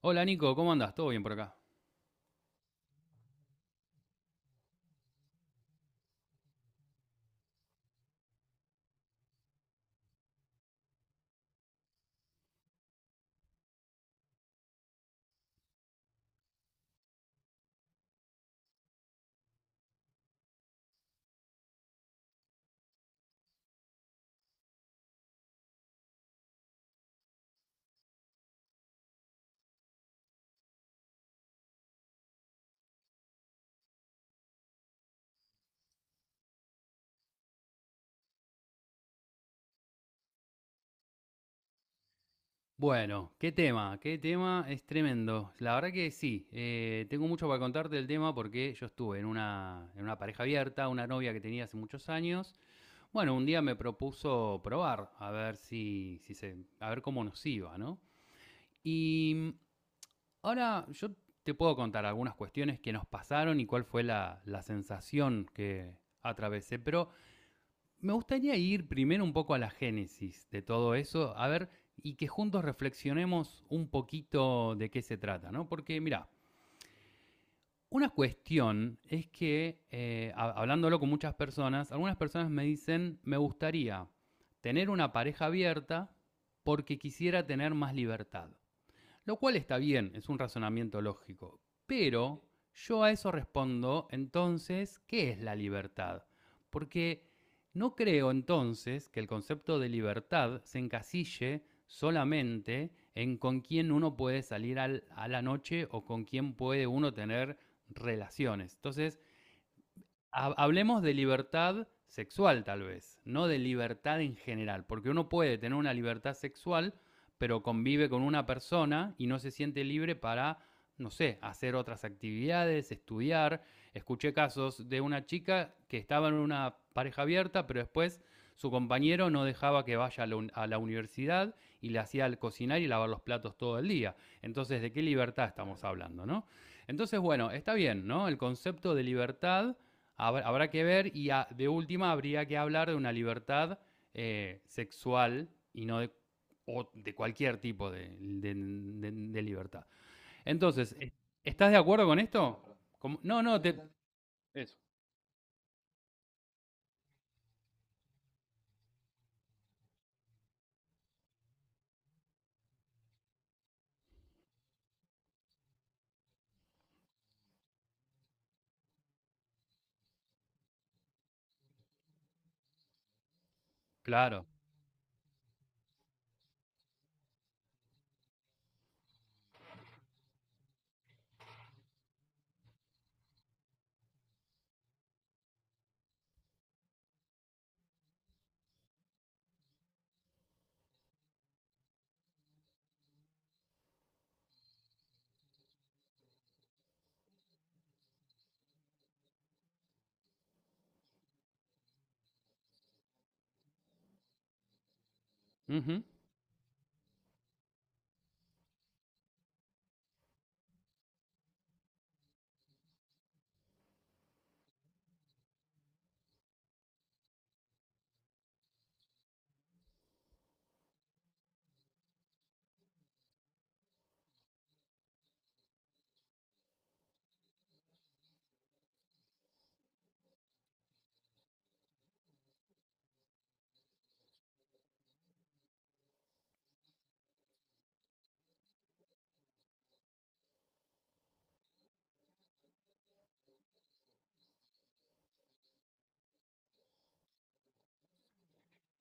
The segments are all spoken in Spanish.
Hola Nico, ¿cómo andás? ¿Todo bien por acá? Bueno, qué tema es tremendo. La verdad que sí, tengo mucho para contarte del tema porque yo estuve en una pareja abierta, una novia que tenía hace muchos años. Bueno, un día me propuso probar, a ver si, si se, a ver cómo nos iba, ¿no? Y ahora yo te puedo contar algunas cuestiones que nos pasaron y cuál fue la sensación que atravesé, pero me gustaría ir primero un poco a la génesis de todo eso, a ver, y que juntos reflexionemos un poquito de qué se trata, ¿no? Porque, mira, una cuestión es que, hablándolo con muchas personas, algunas personas me dicen, me gustaría tener una pareja abierta porque quisiera tener más libertad. Lo cual está bien, es un razonamiento lógico. Pero yo a eso respondo entonces, ¿qué es la libertad? Porque no creo entonces que el concepto de libertad se encasille solamente en con quién uno puede salir a la noche o con quién puede uno tener relaciones. Entonces, hablemos de libertad sexual tal vez, no de libertad en general, porque uno puede tener una libertad sexual, pero convive con una persona y no se siente libre para, no sé, hacer otras actividades, estudiar. Escuché casos de una chica que estaba en una pareja abierta, pero después su compañero no dejaba que vaya a la universidad y le hacía cocinar y lavar los platos todo el día. Entonces, ¿de qué libertad estamos hablando, no? Entonces, bueno, está bien, ¿no? El concepto de libertad habrá que ver y de última habría que hablar de una libertad sexual y no o de cualquier tipo de libertad. Entonces, ¿estás de acuerdo con esto? No, no, eso. Claro. Ujú.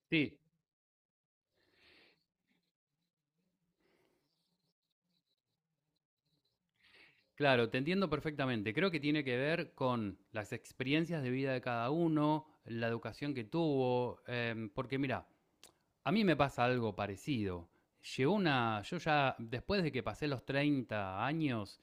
Sí, claro, te entiendo perfectamente. Creo que tiene que ver con las experiencias de vida de cada uno, la educación que tuvo, porque mira, a mí me pasa algo parecido. Llegó una, yo ya después de que pasé los 30 años,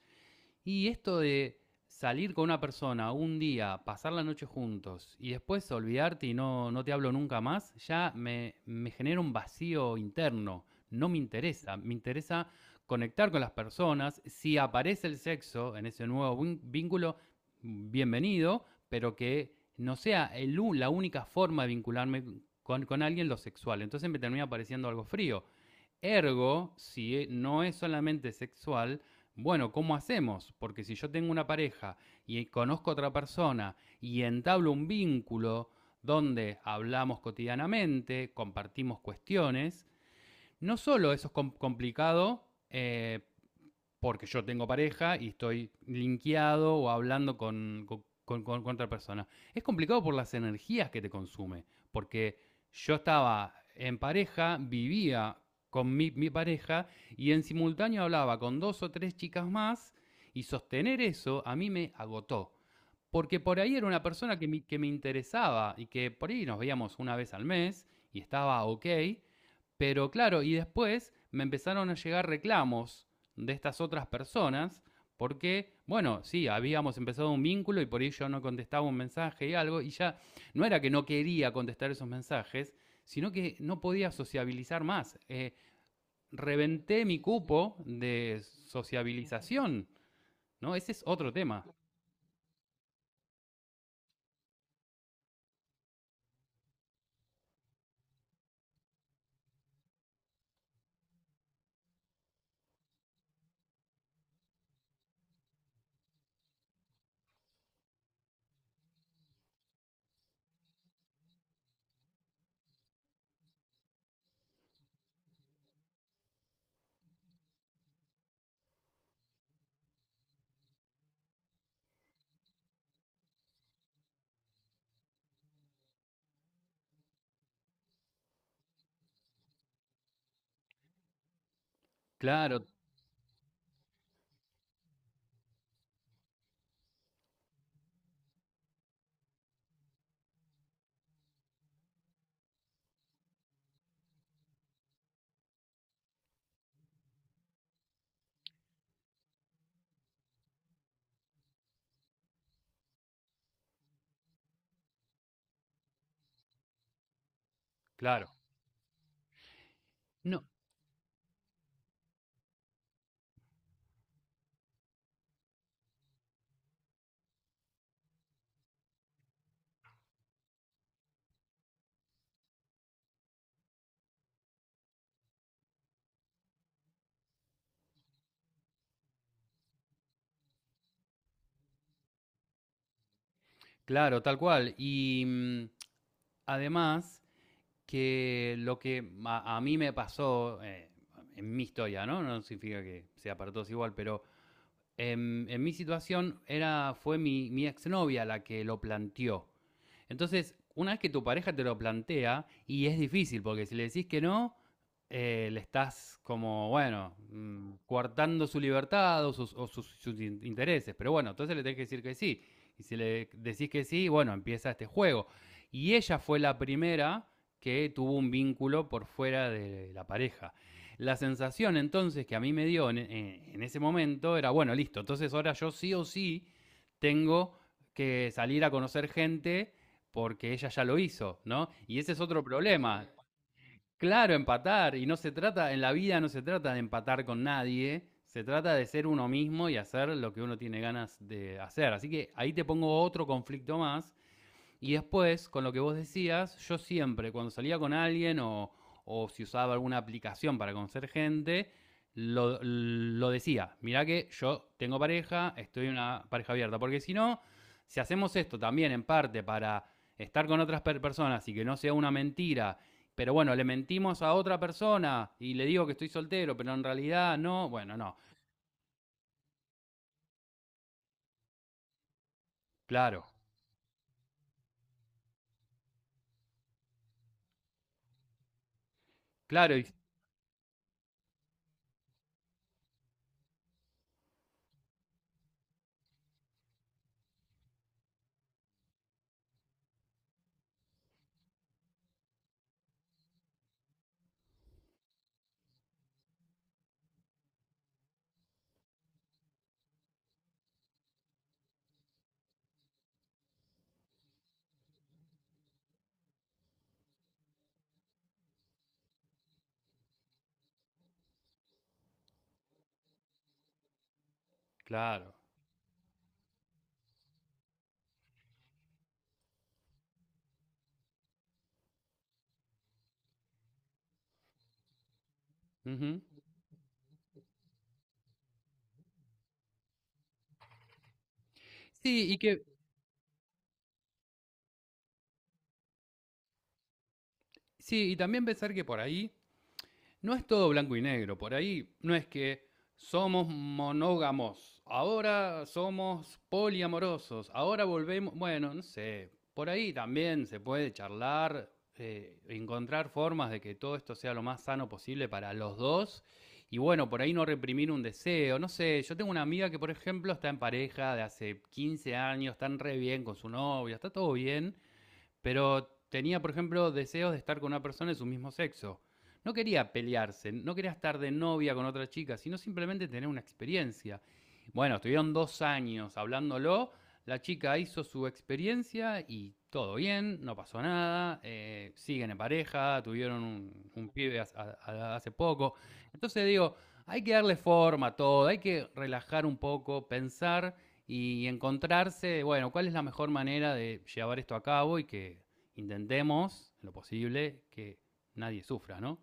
y esto de salir con una persona un día, pasar la noche juntos y después olvidarte y no, no te hablo nunca más, ya me genera un vacío interno. No me interesa. Me interesa conectar con las personas. Si aparece el sexo en ese nuevo vínculo, bienvenido, pero que no sea el la única forma de vincularme con, alguien lo sexual. Entonces me termina pareciendo algo frío. Ergo, si no es solamente sexual, bueno, ¿cómo hacemos? Porque si yo tengo una pareja y conozco a otra persona y entablo un vínculo donde hablamos cotidianamente, compartimos cuestiones, no solo eso es complicado porque yo tengo pareja y estoy linkeado o hablando con, con otra persona. Es complicado por las energías que te consume, porque yo estaba en pareja, vivía con mi, pareja y en simultáneo hablaba con dos o tres chicas más y sostener eso a mí me agotó. Porque por ahí era una persona que me interesaba y que por ahí nos veíamos una vez al mes y estaba ok, pero claro, y después me empezaron a llegar reclamos de estas otras personas, porque, bueno, sí, habíamos empezado un vínculo y por ahí yo no contestaba un mensaje y algo, y ya no era que no quería contestar esos mensajes, sino que no podía sociabilizar más. Reventé mi cupo de sociabilización, ¿no? Ese es otro tema. Claro, claro. No, claro, tal cual. Y además que lo que a, mí me pasó en mi historia, ¿no? No significa que sea para todos igual, pero en, mi situación era, fue mi exnovia la que lo planteó. Entonces, una vez que tu pareja te lo plantea, y es difícil, porque si le decís que no, le estás como, bueno, coartando su libertad o sus intereses. Pero bueno, entonces le tenés que decir que sí. Y si le decís que sí, bueno, empieza este juego. Y ella fue la primera que tuvo un vínculo por fuera de la pareja. La sensación entonces que a mí me dio en, en ese momento era, bueno, listo, entonces ahora yo sí o sí tengo que salir a conocer gente porque ella ya lo hizo, ¿no? Y ese es otro problema. Claro, empatar, y no se trata, en la vida no se trata de empatar con nadie, se trata de ser uno mismo y hacer lo que uno tiene ganas de hacer. Así que ahí te pongo otro conflicto más, y después, con lo que vos decías, yo siempre, cuando salía con alguien o, si usaba alguna aplicación para conocer gente, lo decía. Mirá que yo tengo pareja, estoy en una pareja abierta. Porque si no, si hacemos esto también en parte para estar con otras personas y que no sea una mentira, pero bueno, le mentimos a otra persona y le digo que estoy soltero, pero en realidad no, bueno, no. Claro, claro, claro. Ujú. Sí, y que, sí, y también pensar que por ahí no es todo blanco y negro. Por ahí no es que somos monógamos, ahora somos poliamorosos, ahora volvemos, bueno, no sé, por ahí también se puede charlar, encontrar formas de que todo esto sea lo más sano posible para los dos. Y bueno, por ahí no reprimir un deseo, no sé, yo tengo una amiga que por ejemplo está en pareja de hace 15 años, están re bien con su novia, está todo bien, pero tenía, por ejemplo, deseos de estar con una persona de su mismo sexo. No quería pelearse, no quería estar de novia con otra chica, sino simplemente tener una experiencia. Bueno, estuvieron 2 años hablándolo, la chica hizo su experiencia y todo bien, no pasó nada, siguen en pareja, tuvieron un, pibe hace poco. Entonces digo, hay que darle forma a todo, hay que relajar un poco, pensar y encontrarse, bueno, cuál es la mejor manera de llevar esto a cabo y que intentemos, en lo posible, que nadie sufra, ¿no?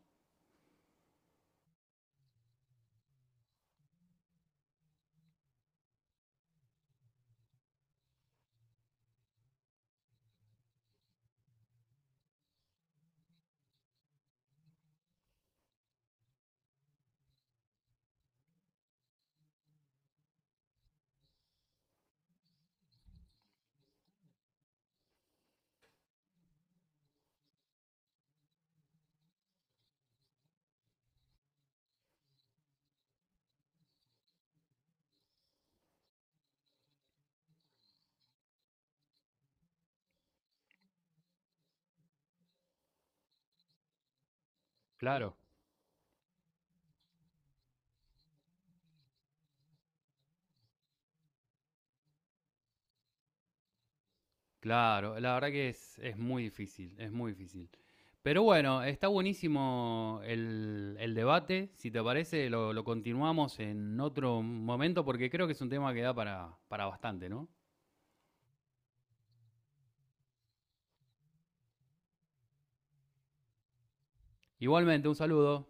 Claro. Claro, la verdad que es muy difícil, es muy difícil. Pero bueno, está buenísimo el debate. Si te parece, lo continuamos en otro momento porque creo que es un tema que da para bastante, ¿no? Igualmente, un saludo.